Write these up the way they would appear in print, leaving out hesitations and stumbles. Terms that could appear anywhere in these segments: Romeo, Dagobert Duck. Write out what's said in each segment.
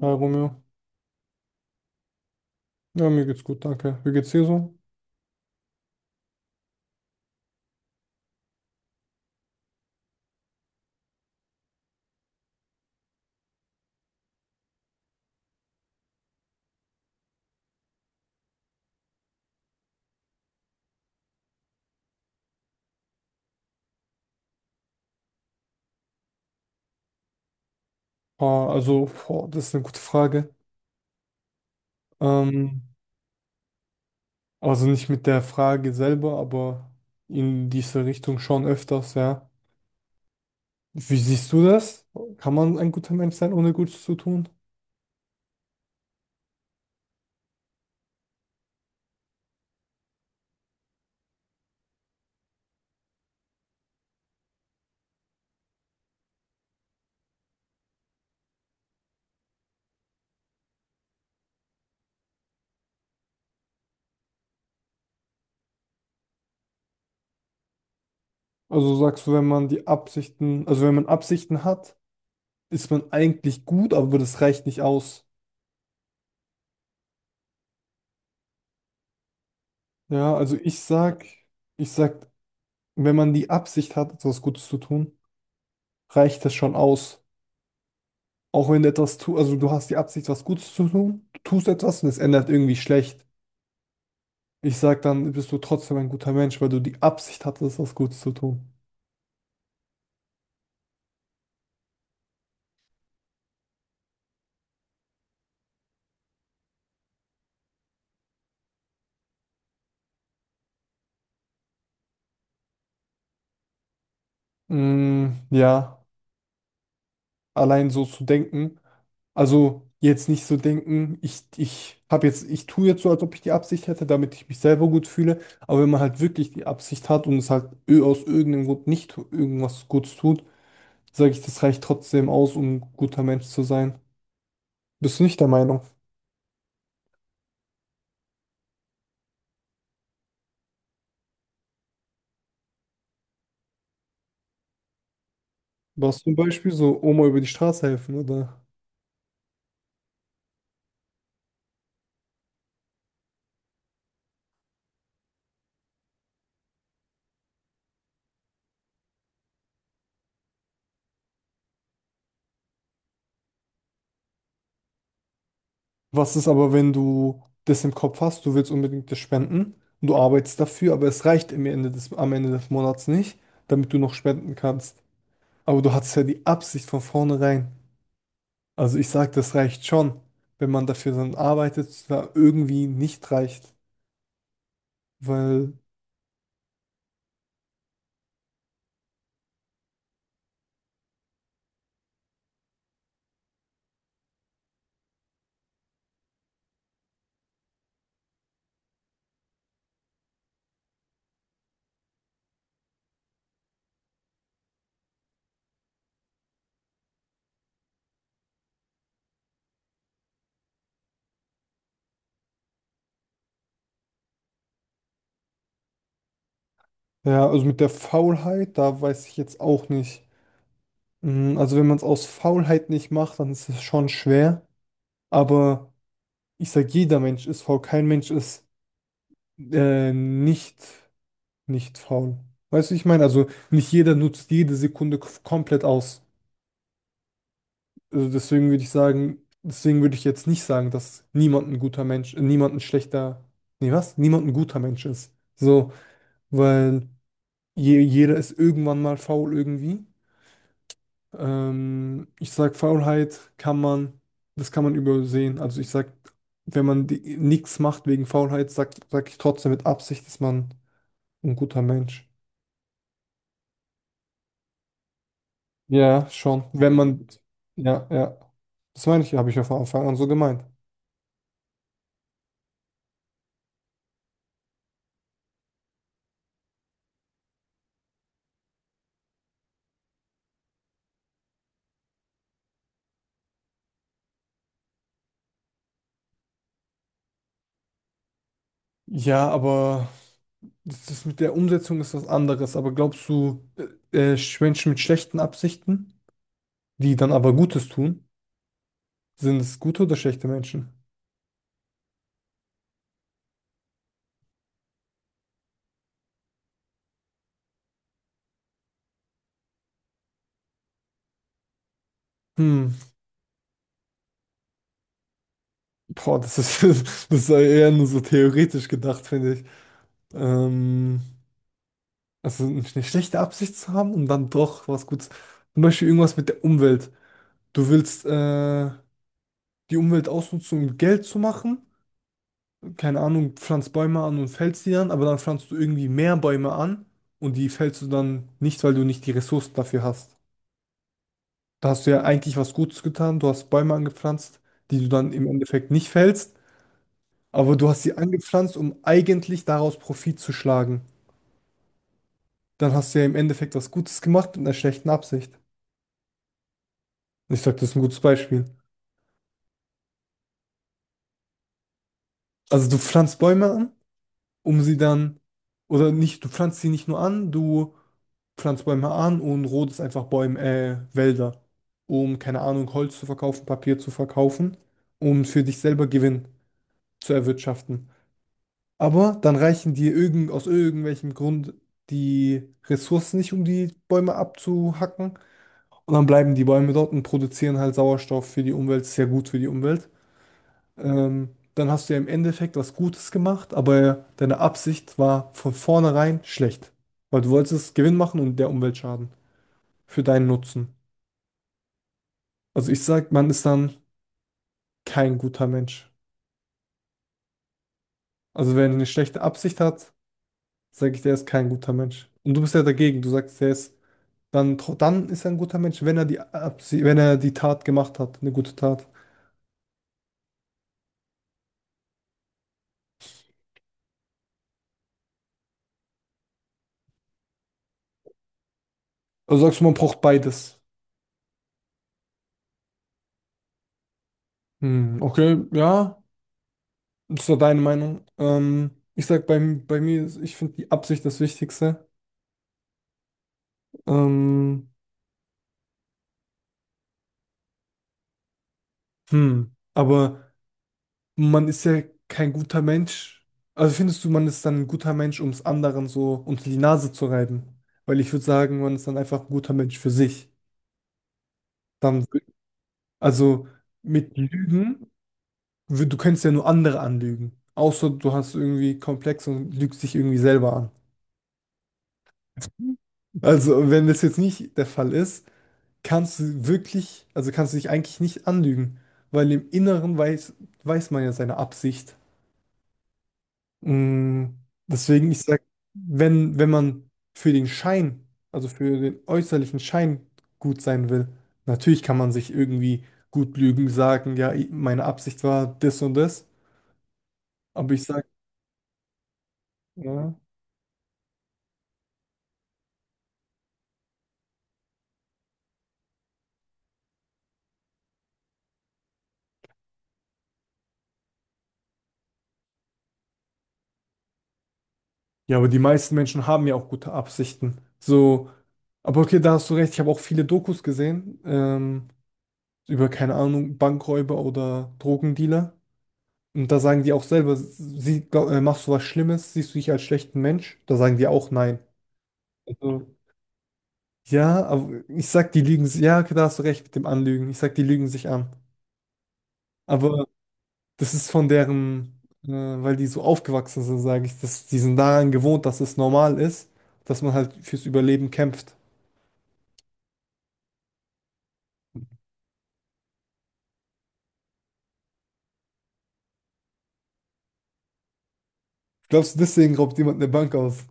Hi Romeo. Ja, mir geht's gut, danke. Wie geht's dir so? Ah, also, boah, das ist eine gute Frage. Ähm, also nicht mit der Frage selber, aber in diese Richtung schon öfters, ja. Wie siehst du das? Kann man ein guter Mensch sein, ohne Gutes zu tun? Also sagst du, wenn man die Absichten, also wenn man Absichten hat, ist man eigentlich gut, aber das reicht nicht aus. Ja, also ich sag, wenn man die Absicht hat, etwas Gutes zu tun, reicht das schon aus. Auch wenn du etwas tust, also du hast die Absicht, was Gutes zu tun, du tust etwas und es ändert irgendwie schlecht. Ich sag dann, bist du trotzdem ein guter Mensch, weil du die Absicht hattest, was Gutes zu tun. Mm, ja, allein so zu denken. Also jetzt nicht so denken, ich habe jetzt, ich tue jetzt so, als ob ich die Absicht hätte, damit ich mich selber gut fühle. Aber wenn man halt wirklich die Absicht hat und es halt aus irgendeinem Grund nicht tu- irgendwas Gutes tut, sage ich, das reicht trotzdem aus, um ein guter Mensch zu sein. Bist du nicht der Meinung? Was zum Beispiel so Oma über die Straße helfen, oder? Was ist aber, wenn du das im Kopf hast, du willst unbedingt das spenden und du arbeitest dafür, aber es reicht im am Ende des Monats nicht, damit du noch spenden kannst. Aber du hattest ja die Absicht von vornherein. Also ich sag, das reicht schon, wenn man dafür dann arbeitet, es da irgendwie nicht reicht. Weil, ja, also mit der Faulheit, da weiß ich jetzt auch nicht. Mm. Also wenn man es aus Faulheit nicht macht, dann ist es schon schwer. Aber ich sage, jeder Mensch ist faul. Kein Mensch ist äh, nicht, nicht faul. Weißt du, ich meine, also nicht jeder nutzt jede Sekunde komplett aus. Also deswegen würde ich sagen, deswegen würde ich jetzt nicht sagen, dass niemand ein schlechter, nee, was? Niemand ein guter Mensch ist. So, weil jeder ist irgendwann mal faul irgendwie. Ich sag, Faulheit kann man, das kann man übersehen. Also ich sag, wenn man nichts macht wegen Faulheit, sag ich trotzdem mit Absicht, ist man ein guter Mensch. Ja, schon. Wenn man, ja, ja. Das meine ich, habe ich ja von Anfang an so gemeint. Ja, aber das mit der Umsetzung ist was anderes. Aber glaubst du, Menschen mit schlechten Absichten, die dann aber Gutes tun, sind es gute oder schlechte Menschen? Hm. Boah, das ist eher nur so theoretisch gedacht, finde ich. Ähm, also eine schlechte Absicht zu haben und dann doch was Gutes. Zum Beispiel irgendwas mit der Umwelt. Du willst die Umwelt ausnutzen, um Geld zu machen. Keine Ahnung, pflanzt Bäume an und fällst die dann, aber dann pflanzt du irgendwie mehr Bäume an und die fällst du dann nicht, weil du nicht die Ressourcen dafür hast. Da hast du ja eigentlich was Gutes getan. Du hast Bäume angepflanzt, die du dann im Endeffekt nicht fällst, aber du hast sie angepflanzt, um eigentlich daraus Profit zu schlagen. Dann hast du ja im Endeffekt was Gutes gemacht mit einer schlechten Absicht. Ich sag, das ist ein gutes Beispiel. Also du pflanzt Bäume an, um sie dann, oder nicht, du pflanzt sie nicht nur an, du pflanzt Bäume an und rodest einfach Bäume, Wälder, um, keine Ahnung, Holz zu verkaufen, Papier zu verkaufen, um für dich selber Gewinn zu erwirtschaften. Aber dann reichen dir aus irgendwelchem Grund die Ressourcen nicht, um die Bäume abzuhacken. Und dann bleiben die Bäume dort und produzieren halt Sauerstoff für die Umwelt, ist ja gut für die Umwelt. Dann hast du ja im Endeffekt was Gutes gemacht, aber deine Absicht war von vornherein schlecht, weil du wolltest Gewinn machen und der Umwelt schaden für deinen Nutzen. Also ich sag, man ist dann kein guter Mensch. Also wenn er eine schlechte Absicht hat, sage ich, der ist kein guter Mensch. Und du bist ja dagegen, du sagst, der ist dann, dann ist er ein guter Mensch, wenn er die Absicht, wenn er die Tat gemacht hat, eine gute Tat. Also sagst du, man braucht beides. Hm, okay, ja. Das war deine Meinung. Ich sag, bei mir, ist- ich finde die Absicht das Wichtigste. Ähm, aber man ist ja kein guter Mensch. Also findest du, man ist dann ein guter Mensch, um es anderen so unter die Nase zu reiben? Weil ich würde sagen, man ist dann einfach ein guter Mensch für sich. Dann, wü- also mit Lügen, wü- du könntest ja nur andere anlügen. Außer du hast irgendwie Komplex und lügst dich irgendwie selber an. Also, wenn das jetzt nicht der Fall ist, kannst du wirklich, also kannst du dich eigentlich nicht anlügen, weil im Inneren weiß man ja seine Absicht. Mm. Deswegen, ich sag, wenn man für den Schein, also für den äußerlichen Schein gut sein will, natürlich kann man sich irgendwie gut lügen, sagen, ja, ich- meine Absicht war das und das, aber ich sag, ja, ja, aber die meisten Menschen haben ja auch gute Absichten. So, aber okay, da hast du recht, ich habe auch viele Dokus gesehen, über, keine Ahnung, Bankräuber oder Drogendealer. Und da sagen die auch selber, sie, glaub, machst du was Schlimmes, siehst du dich als schlechten Mensch? Da sagen die auch nein. Also, ja, aber ich sag, die lügen, si- ja, okay, da hast du recht mit dem Anlügen. Ich sag, die lügen sich an. Aber das ist von deren, weil die so aufgewachsen sind, sage ich, dass die sind daran gewohnt, dass es normal ist, dass man halt fürs Überleben kämpft. Glaubst du, deswegen raubt jemand eine Bank aus?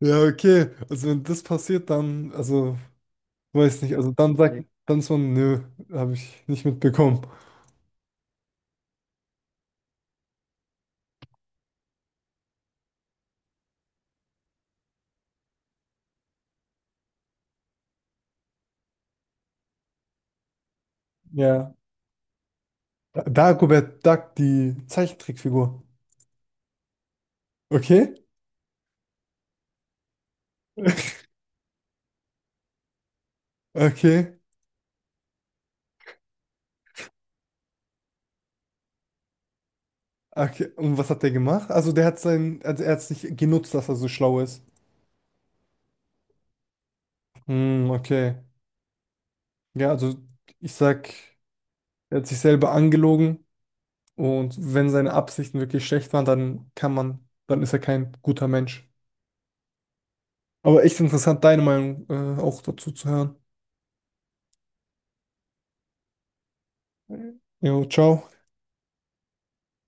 Ja, okay. Also wenn das passiert, dann, also weiß nicht, also dann sagt nee, dann so, nö, habe ich nicht mitbekommen. Ja. Dagobert Duck, die Zeichentrickfigur. Okay, okay, okay. Und was hat der gemacht? Also der hat sein, also er hat es nicht genutzt, dass er so schlau ist. Hm, okay. Ja, also ich sag, er hat sich selber angelogen und wenn seine Absichten wirklich schlecht waren, dann kann man, dann ist er kein guter Mensch. Aber echt interessant, deine Meinung, auch dazu zu hören. Jo, ciao.